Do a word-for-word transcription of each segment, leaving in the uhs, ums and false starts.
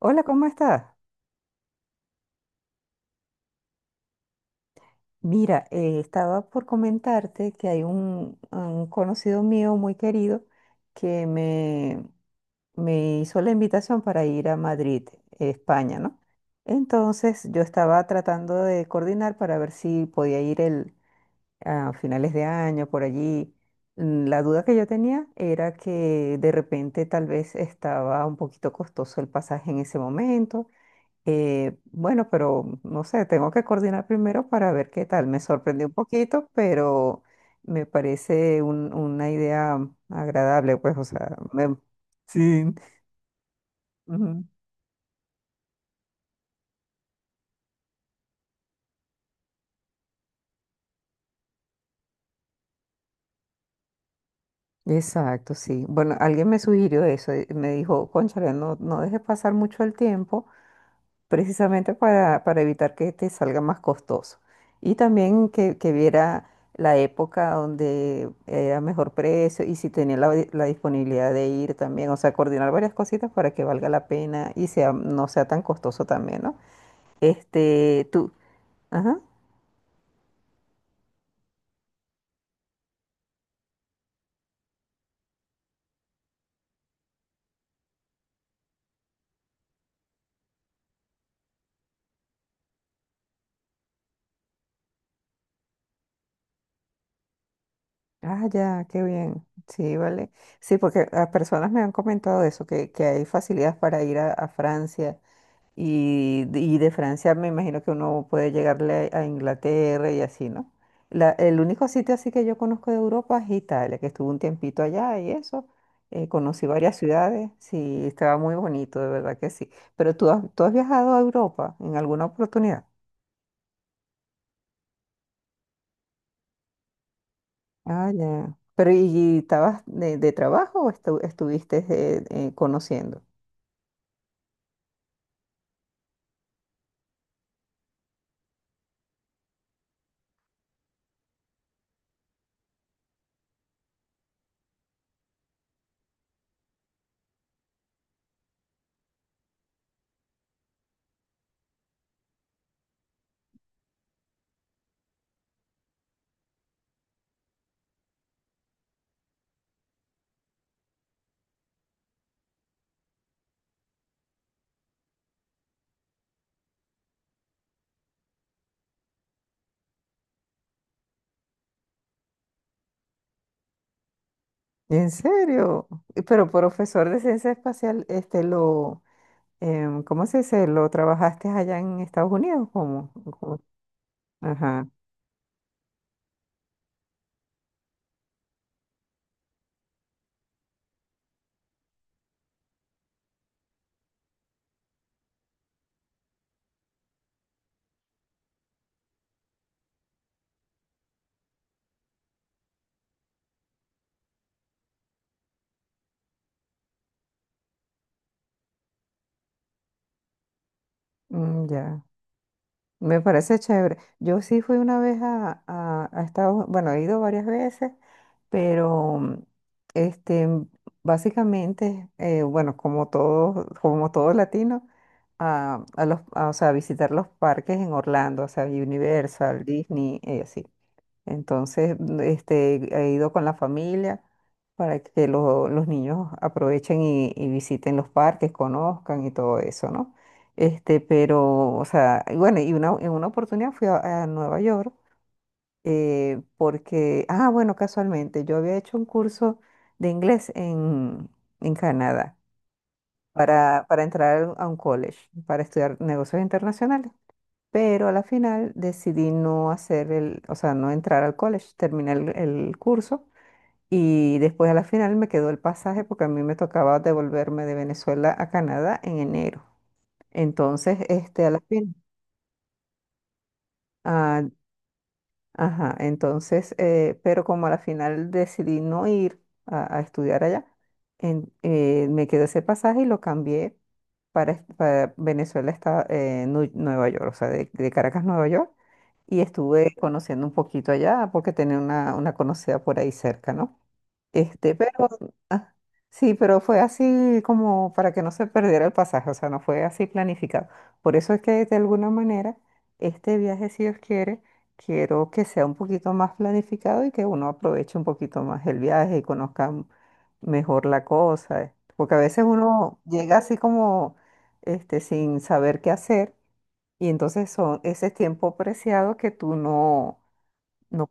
Hola, ¿cómo estás? Mira, eh, estaba por comentarte que hay un, un conocido mío muy querido que me, me hizo la invitación para ir a Madrid, España, ¿no? Entonces yo estaba tratando de coordinar para ver si podía ir el, a finales de año, por allí. Mm, La duda que yo tenía era que de repente tal vez estaba un poquito costoso el pasaje en ese momento. Eh, bueno, pero no sé, tengo que coordinar primero para ver qué tal. Me sorprendió un poquito, pero me parece un- una idea agradable, pues, o sea, me- sí. Ujú. Exacto, sí. Bueno, alguien me sugirió eso, eh, me dijo, cónchale, no, no dejes pasar mucho el tiempo precisamente para, para evitar que te salga más costoso. Y también que, que viera la época donde era mejor precio y si tenía la, la disponibilidad de ir también, o sea, coordinar varias cositas para que valga la pena y sea, no sea tan costoso también, ¿no? Este, tú, ajá, ah, ya, qué bien, sí, vale. Sí, porque a personas me han comentado eso, que, que hay facilidades para ir a, a Francia. Y, y de Francia me imagino que uno puede llegarle a Inglaterra y así, ¿no? La- el único sitio así que yo conozco de Europa es Italia, que estuve un tiempito allá y eso. Eh, conocí varias ciudades, sí, estaba muy bonito, de verdad que sí. Pero tú has, tú has viajado a Europa en alguna oportunidad. Ah, ya. Pero ¿y estabas de, de trabajo o estu- estuviste eh, eh, conociendo? ¿En serio? Y Pero profesor de ciencia espacial, este lo. Em, ¿cómo se dice? ¿Lo trabajaste allá en Estados Unidos? ¿Cómo? ¿Cómo? Ajá, mm, ya. Me parece chévere. Yo sí fui una vez a, a, a Estados, bueno, he ido varias veces, pero mm, este, básicamente, eh, bueno, como todos, como todo latino, a, a los, a, o sea, visitar los parques en Orlando, o sea, Universal, Disney, y así. Entonces, mm, este, he ido con la familia para que lo- los niños aprovechen y, y visiten los parques, conozcan y todo eso, ¿no? Este, pero, o sea, y bueno, y una, en una oportunidad fui a, a Nueva York eh, porque, ah, bueno, casualmente, yo había hecho un curso de inglés en, en Canadá para, para entrar a un college, para estudiar negocios internacionales. Pero a la final decidí no hacer el, o sea, no entrar al college, terminé el, el curso y después a la final me quedó el pasaje porque a mí me tocaba devolverme de Venezuela a Canadá en enero. Entonces, este, a la final, ajá, entonces, eh, pero como a la final decidí no ir a, a estudiar allá, en- eh, me quedé ese pasaje y lo cambié para, est- para Venezuela, está, eh, Nu- Nueva York, o sea, de, de Caracas, Nueva York, y estuve conociendo un poquito allá porque tenía una, una conocida por ahí cerca, ¿no? Este, pero ah, sí, pero fue así como para que no se perdiera el pasaje, o sea, no fue así planificado. Por eso es que de alguna manera este viaje, si Dios quiere, quiero que sea un poquito más planificado y que uno aproveche un poquito más el viaje y conozca mejor la cosa, eh, porque a veces uno llega así como este sin saber qué hacer y entonces son ese tiempo preciado que tú no, no.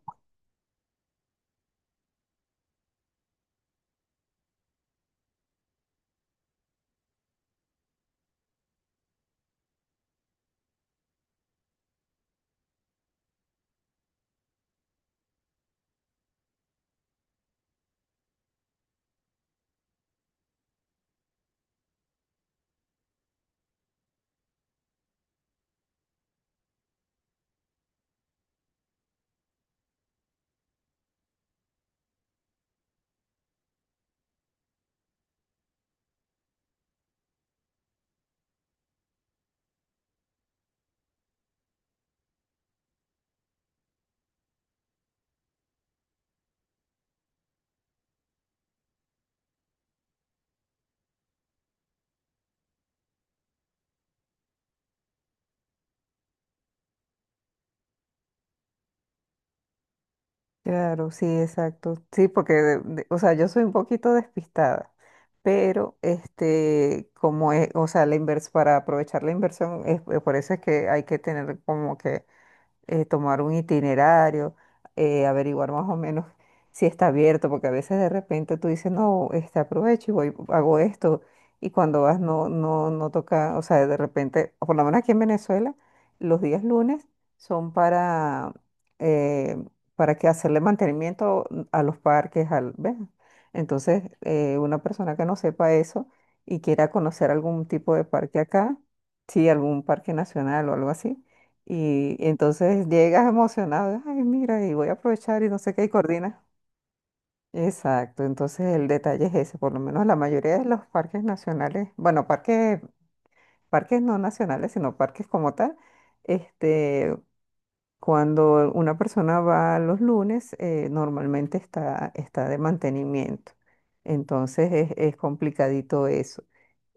Claro, sí, exacto. Sí, porque, de- de- o sea, yo soy un poquito despistada, pero este, como es, o sea, la invers para aprovechar la inversión, es, por eso es que hay que tener como que eh, tomar un itinerario, eh, averiguar más o menos si está abierto, porque a veces de repente tú dices, no, este aprovecho y voy, hago esto, y cuando vas no, no, no toca, o sea, de repente, o por lo menos aquí en Venezuela, los días lunes son para, eh, para que hacerle mantenimiento a los parques, al, ¿ves? Entonces, eh, una persona que no sepa eso y quiera conocer algún tipo de parque acá, sí, algún parque nacional o algo así y y entonces llegas emocionado, ay, mira, y voy a aprovechar y no sé qué, y coordina. Exacto, entonces el detalle es ese, por lo menos la mayoría de los parques nacionales, bueno, parques, parques no nacionales, sino parques como tal, este, cuando una persona va los lunes, eh, normalmente está, está de mantenimiento. Entonces es, es complicadito eso.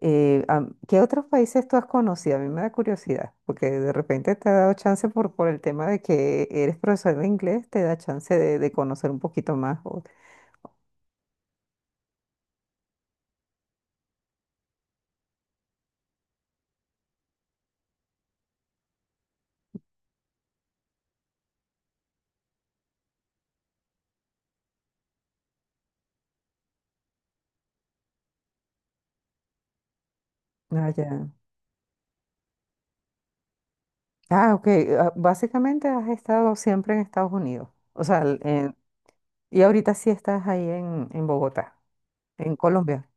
Eh, am- ¿qué otros países tú has conocido? A mí me da curiosidad, porque de repente te ha dado chance por, por el tema de que eres profesor de inglés, te da chance de, de conocer un poquito más. o- Ah, ya. Ah, ok. Ah, básicamente has estado siempre en Estados Unidos. O sea, el- en- y ahorita sí estás ahí en, en Bogotá, en Colombia.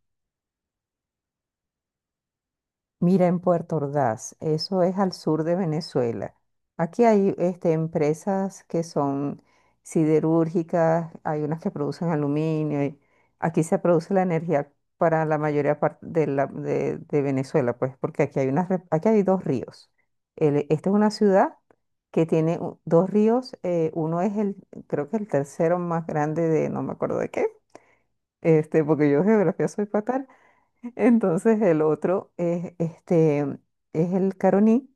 Mira, en Puerto Ordaz, eso es al sur de Venezuela. Aquí hay este, empresas que son siderúrgicas, hay unas que producen aluminio. Y aquí se produce la energía para la mayoría par- de, la- de- de Venezuela, pues, porque aquí hay unas, re- aquí hay dos ríos. El- esta es una ciudad que tiene u- dos ríos. Eh, uno es el, creo que el tercero más grande de, no me acuerdo de qué, este, porque yo de geografía soy fatal. Entonces el otro es este, es el Caroní,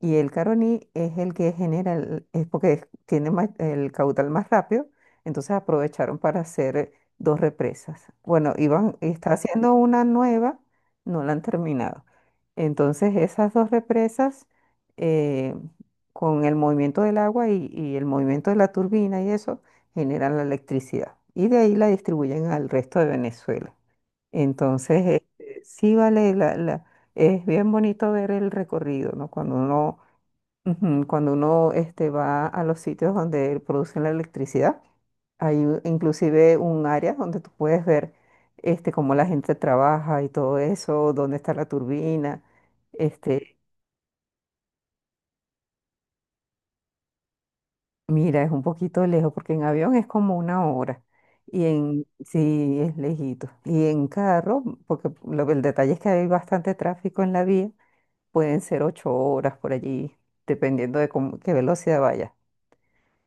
y el Caroní es el que genera el- es porque es- tiene más- el caudal más rápido, entonces aprovecharon para hacer dos represas. Bueno, iban está haciendo una nueva, no la han terminado. Entonces esas dos represas, eh, con el movimiento del agua y, y el movimiento de la turbina y eso generan la electricidad y de ahí la distribuyen al resto de Venezuela. Entonces, este, sí vale, la, la- es bien bonito ver el recorrido, ¿no? Cuando uno, ujú, cuando uno este, va a los sitios donde producen la electricidad, hay u- inclusive un área donde tú puedes ver este, cómo la gente trabaja y todo eso, dónde está la turbina. Este, mira, es un poquito lejos porque en avión es como una hora. Y en, sí, es lejito. Y en carro, porque lo- el detalle es que hay bastante tráfico en la vía. Pueden ser ocho horas por allí, dependiendo de cómo- qué velocidad vaya.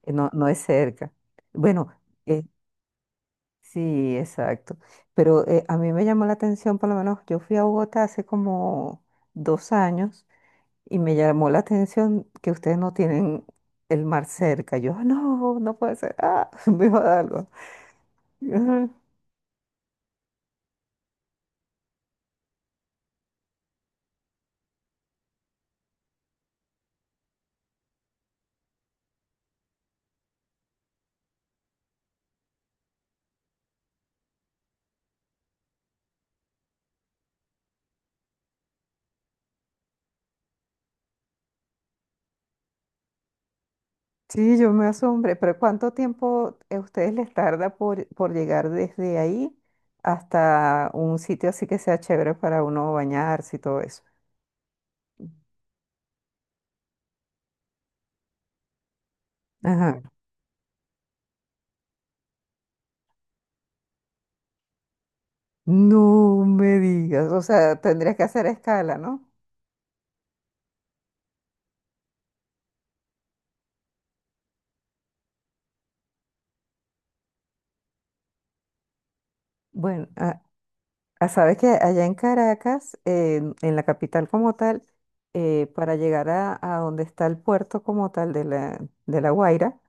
Eh, No, no es cerca. Bueno, eh, sí, exacto. Pero eh, a mí me llamó la atención, por lo menos yo fui a Bogotá hace como dos años y me llamó la atención que ustedes no tienen el mar cerca. Yo, "Ah, no, no puede ser. Ah, me va a dar algo." Sí, yo me asombré, pero ¿cuánto tiempo a ustedes les tarda por, por llegar desde ahí hasta un sitio así que sea chévere para uno bañarse y todo eso? Ajá. No me digas, o sea, tendrías que hacer escala, ¿no? Bueno, a- a- sabes que allá en Caracas, en, en la capital como tal, eh, para llegar a, a donde está el puerto como tal de la, de La Guaira,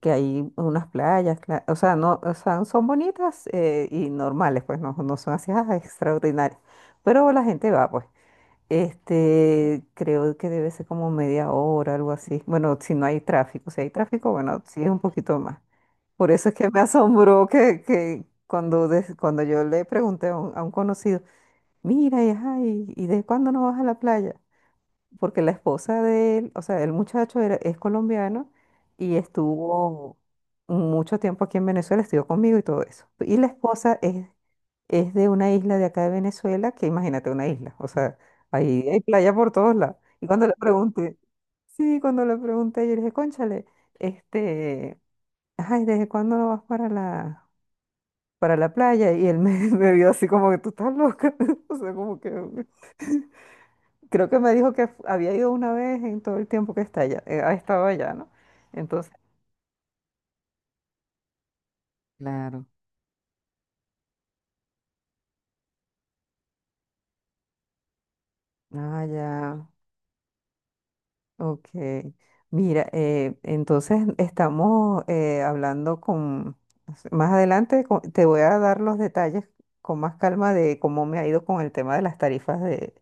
que hay unas playas, cla- o sea, no, o sea, son bonitas eh, y normales, pues no, no son así ah, extraordinarias, pero la gente va, pues. Este, creo que debe ser como media hora, algo así. Bueno, si no hay tráfico, si hay tráfico, bueno, sí es un poquito más. Por eso es que me asombró que, que cuando, des- cuando yo le pregunté a un, a un conocido, mira, y, ajá, y, ¿y de cuándo no vas a la playa? Porque la esposa de él, o sea, el muchacho era, es colombiano y estuvo mucho tiempo aquí en Venezuela, estudió conmigo y todo eso. Y la esposa es, es de una isla de acá de Venezuela, que imagínate una isla, o sea, ahí hay playa por todos lados. Y cuando le pregunté, sí, cuando le pregunté, yo le dije, cónchale, este, ay, ¿desde cuándo no vas para la, para la playa? Y él me, me vio así como que tú estás loca, o sea, como que. Creo que me dijo que fu- había ido una vez en todo el tiempo que está allá, eh, ha estado allá, ¿no? Entonces, claro. Ah, ya. Ok. Mira, eh, entonces estamos eh, hablando con, más adelante co- te voy a dar los detalles con más calma de cómo me ha ido con el tema de las tarifas de,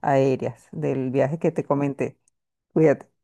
aéreas, del viaje que te comenté. Cuídate.